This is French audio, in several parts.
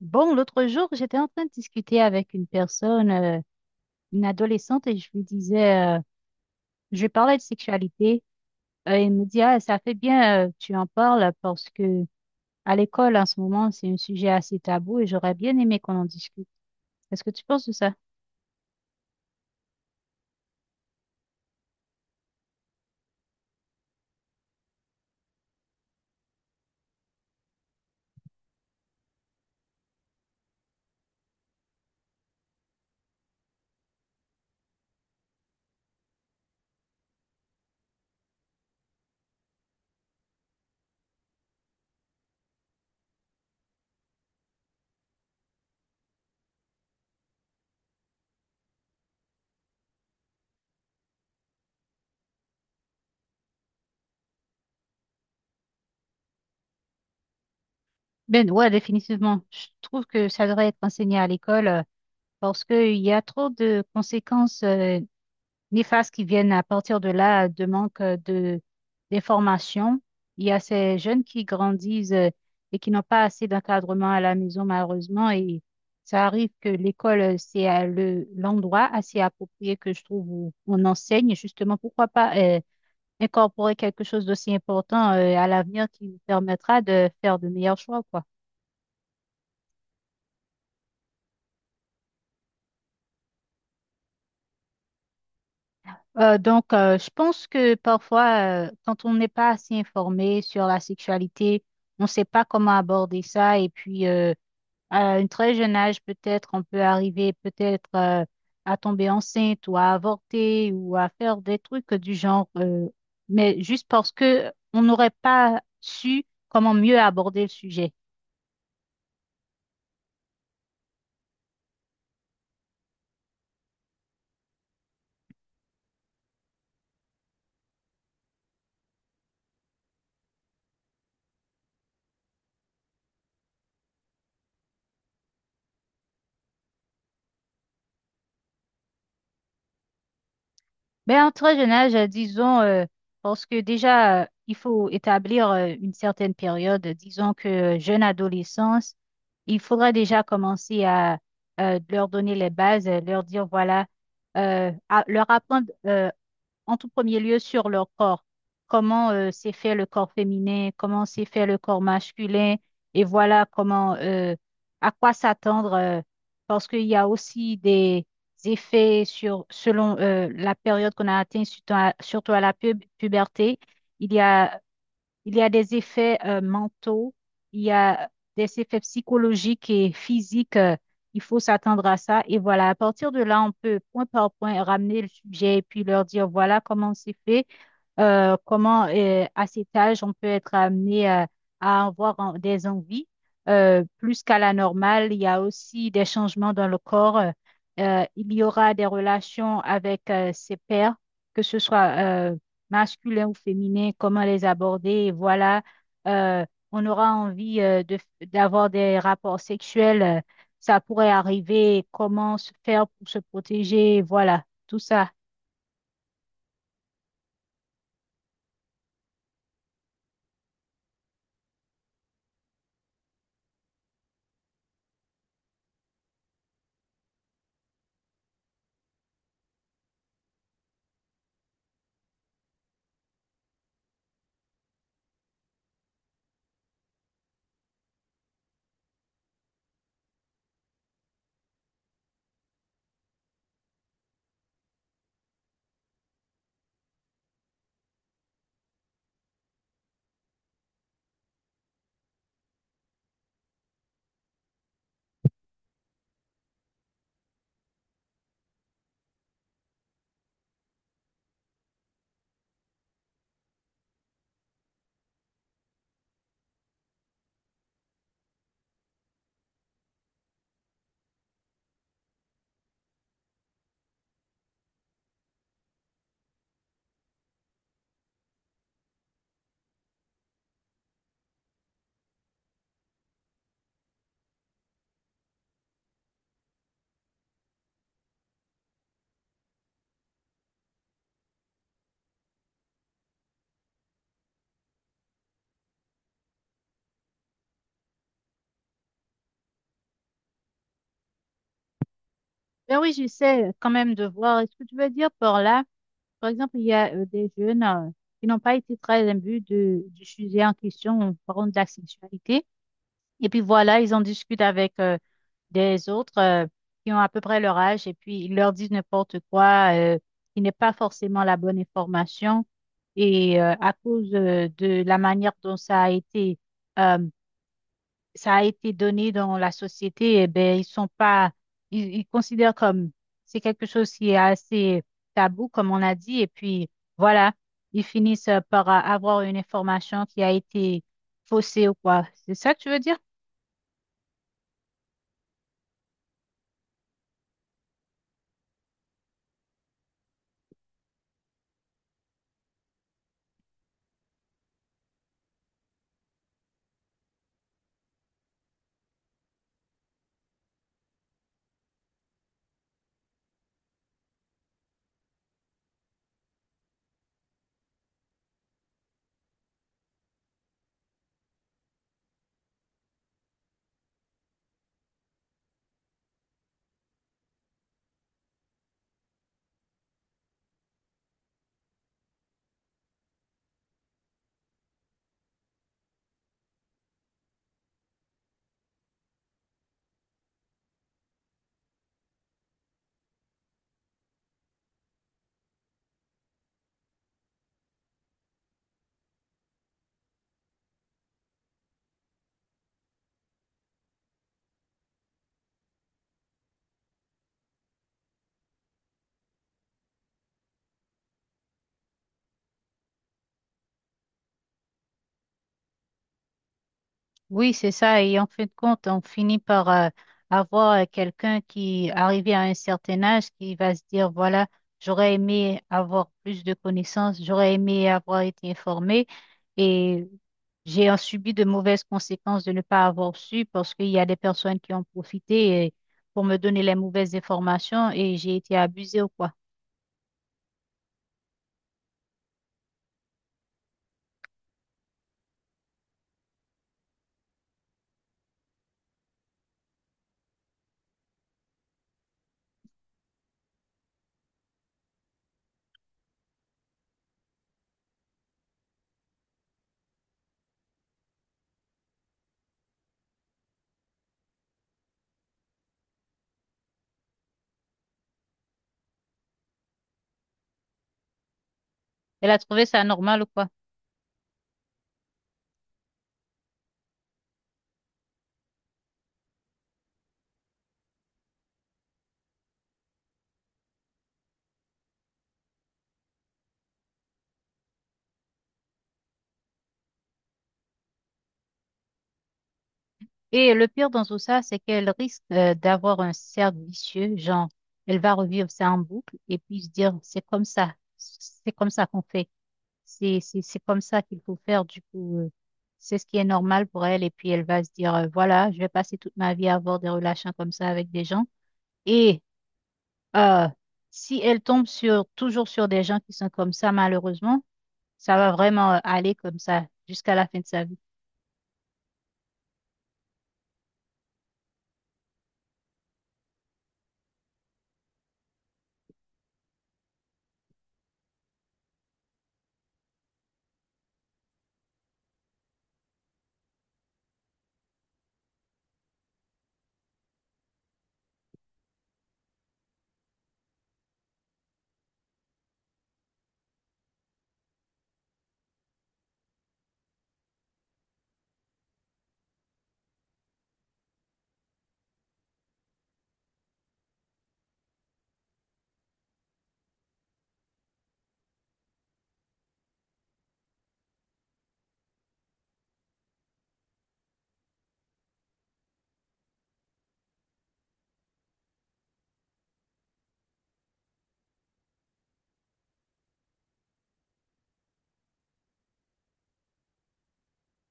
Bon, l'autre jour, j'étais en train de discuter avec une personne, une adolescente, et je lui disais, je lui parlais de sexualité. Et elle me dit, ah, ça fait bien, tu en parles parce que à l'école, en ce moment, c'est un sujet assez tabou et j'aurais bien aimé qu'on en discute. Est-ce que tu penses de ça? Ben, ouais, définitivement. Je trouve que ça devrait être enseigné à l'école, parce qu'il y a trop de conséquences, ni phases qui viennent à partir de là de manque de d'information. Il y a ces jeunes qui grandissent, et qui n'ont pas assez d'encadrement à la maison, malheureusement, et ça arrive que l'école, c'est à le, l'endroit assez approprié que je trouve où on enseigne. Justement, pourquoi pas, incorporer quelque chose d'aussi important, à l'avenir qui nous permettra de faire de meilleurs choix, quoi. Donc, je pense que parfois, quand on n'est pas assez informé sur la sexualité, on ne sait pas comment aborder ça. Et puis, à un très jeune âge, peut-être, on peut arriver peut-être, à tomber enceinte ou à avorter ou à faire des trucs du genre, mais juste parce que on n'aurait pas su comment mieux aborder le sujet. Ben, en très jeune âge, disons, parce que déjà, il faut établir une certaine période, disons que jeune adolescence, il faudra déjà commencer à leur donner les bases, leur dire, voilà, à- leur apprendre en tout premier lieu sur leur corps. Comment s'est fait le corps féminin, comment s'est fait le corps masculin, et voilà comment, à quoi s'attendre, parce qu'il y a aussi des effets sur, selon la période qu'on a atteint, surtout à, surtout à la pub- puberté. Il y a il y a des effets mentaux, il y a des effets psychologiques et physiques. Il faut s'attendre à ça. Et voilà, à partir de là, on peut point par point ramener le sujet et puis leur dire, voilà comment c'est fait , comment à cet âge on peut être amené à avoir en- des envies plus qu'à la normale. Il y a aussi des changements dans le corps. Il y aura des relations avec ses pairs, que ce soit masculin ou féminin, comment les aborder. Et voilà, Euh, on aura envie d'avoir des rapports sexuels. Ça pourrait arriver, comment se faire pour se protéger. Voilà, tout ça. Ben oui, j'essaie quand même de voir. Est-ce que tu veux dire par là, par exemple, il y a des jeunes qui n'ont pas été très imbus de, du sujet en question, par exemple de la sexualité. Et puis voilà, ils en discutent avec des autres qui ont à peu près leur âge et puis ils leur disent n'importe quoi qui n'est pas forcément la bonne information. Et à cause de la manière dont euh, ça a été donné dans la société, eh ben, ils sont pas, ils considèrent comme c'est quelque chose qui est assez tabou, comme on a dit, et puis voilà, ils finissent par avoir une information qui a été faussée ou quoi. C'est ça que tu veux dire? Oui, c'est ça. Et en fin de compte, on finit par avoir quelqu'un qui, arrivé à un certain âge, qui va se dire, voilà, j'aurais aimé avoir plus de connaissances, j'aurais aimé avoir été informé et j'ai en subi de mauvaises conséquences de ne pas avoir su parce qu'il y a des personnes qui ont profité pour me donner les mauvaises informations et j'ai été abusée ou quoi. Elle a trouvé ça normal ou quoi? Et le pire dans tout ça, c'est qu'elle risque d'avoir un cercle vicieux, genre, elle va revivre ça en boucle et puis se dire, c'est comme ça qu'on fait, c'est comme ça qu'il faut faire, du coup, c'est ce qui est normal pour elle et puis elle va se dire, voilà, je vais passer toute ma vie à avoir des relations comme ça avec des gens. Et euh, si elle tombe sur, toujours sur des gens qui sont comme ça, malheureusement, ça va vraiment aller comme ça jusqu'à la fin de sa vie.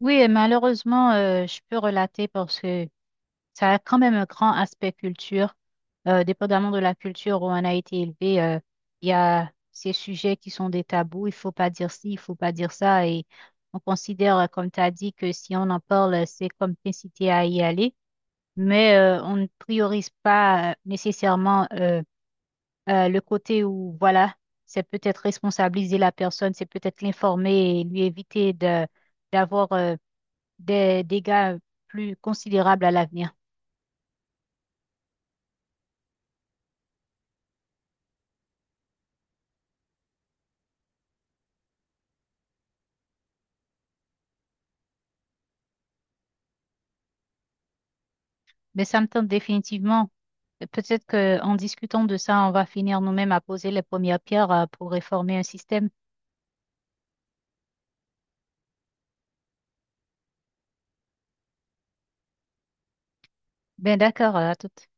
Oui, et malheureusement, je peux relater parce que... Ça a quand même un grand aspect culture. Dépendamment de la culture où on a été élevé, il y a ces sujets qui sont des tabous. Il faut pas dire ci, il faut pas dire ça. Et on considère, comme tu as dit, que si on en parle, c'est comme t'inciter à y aller. Mais on ne priorise pas nécessairement le côté où, voilà, c'est peut-être responsabiliser la personne, c'est peut-être l'informer et lui éviter d'avoir des dégâts plus considérables à l'avenir. Mais ça me tente définitivement. Et peut-être qu'en discutant de ça, on va finir nous-mêmes à poser les premières pierres pour réformer un système. Ben d'accord, à toute.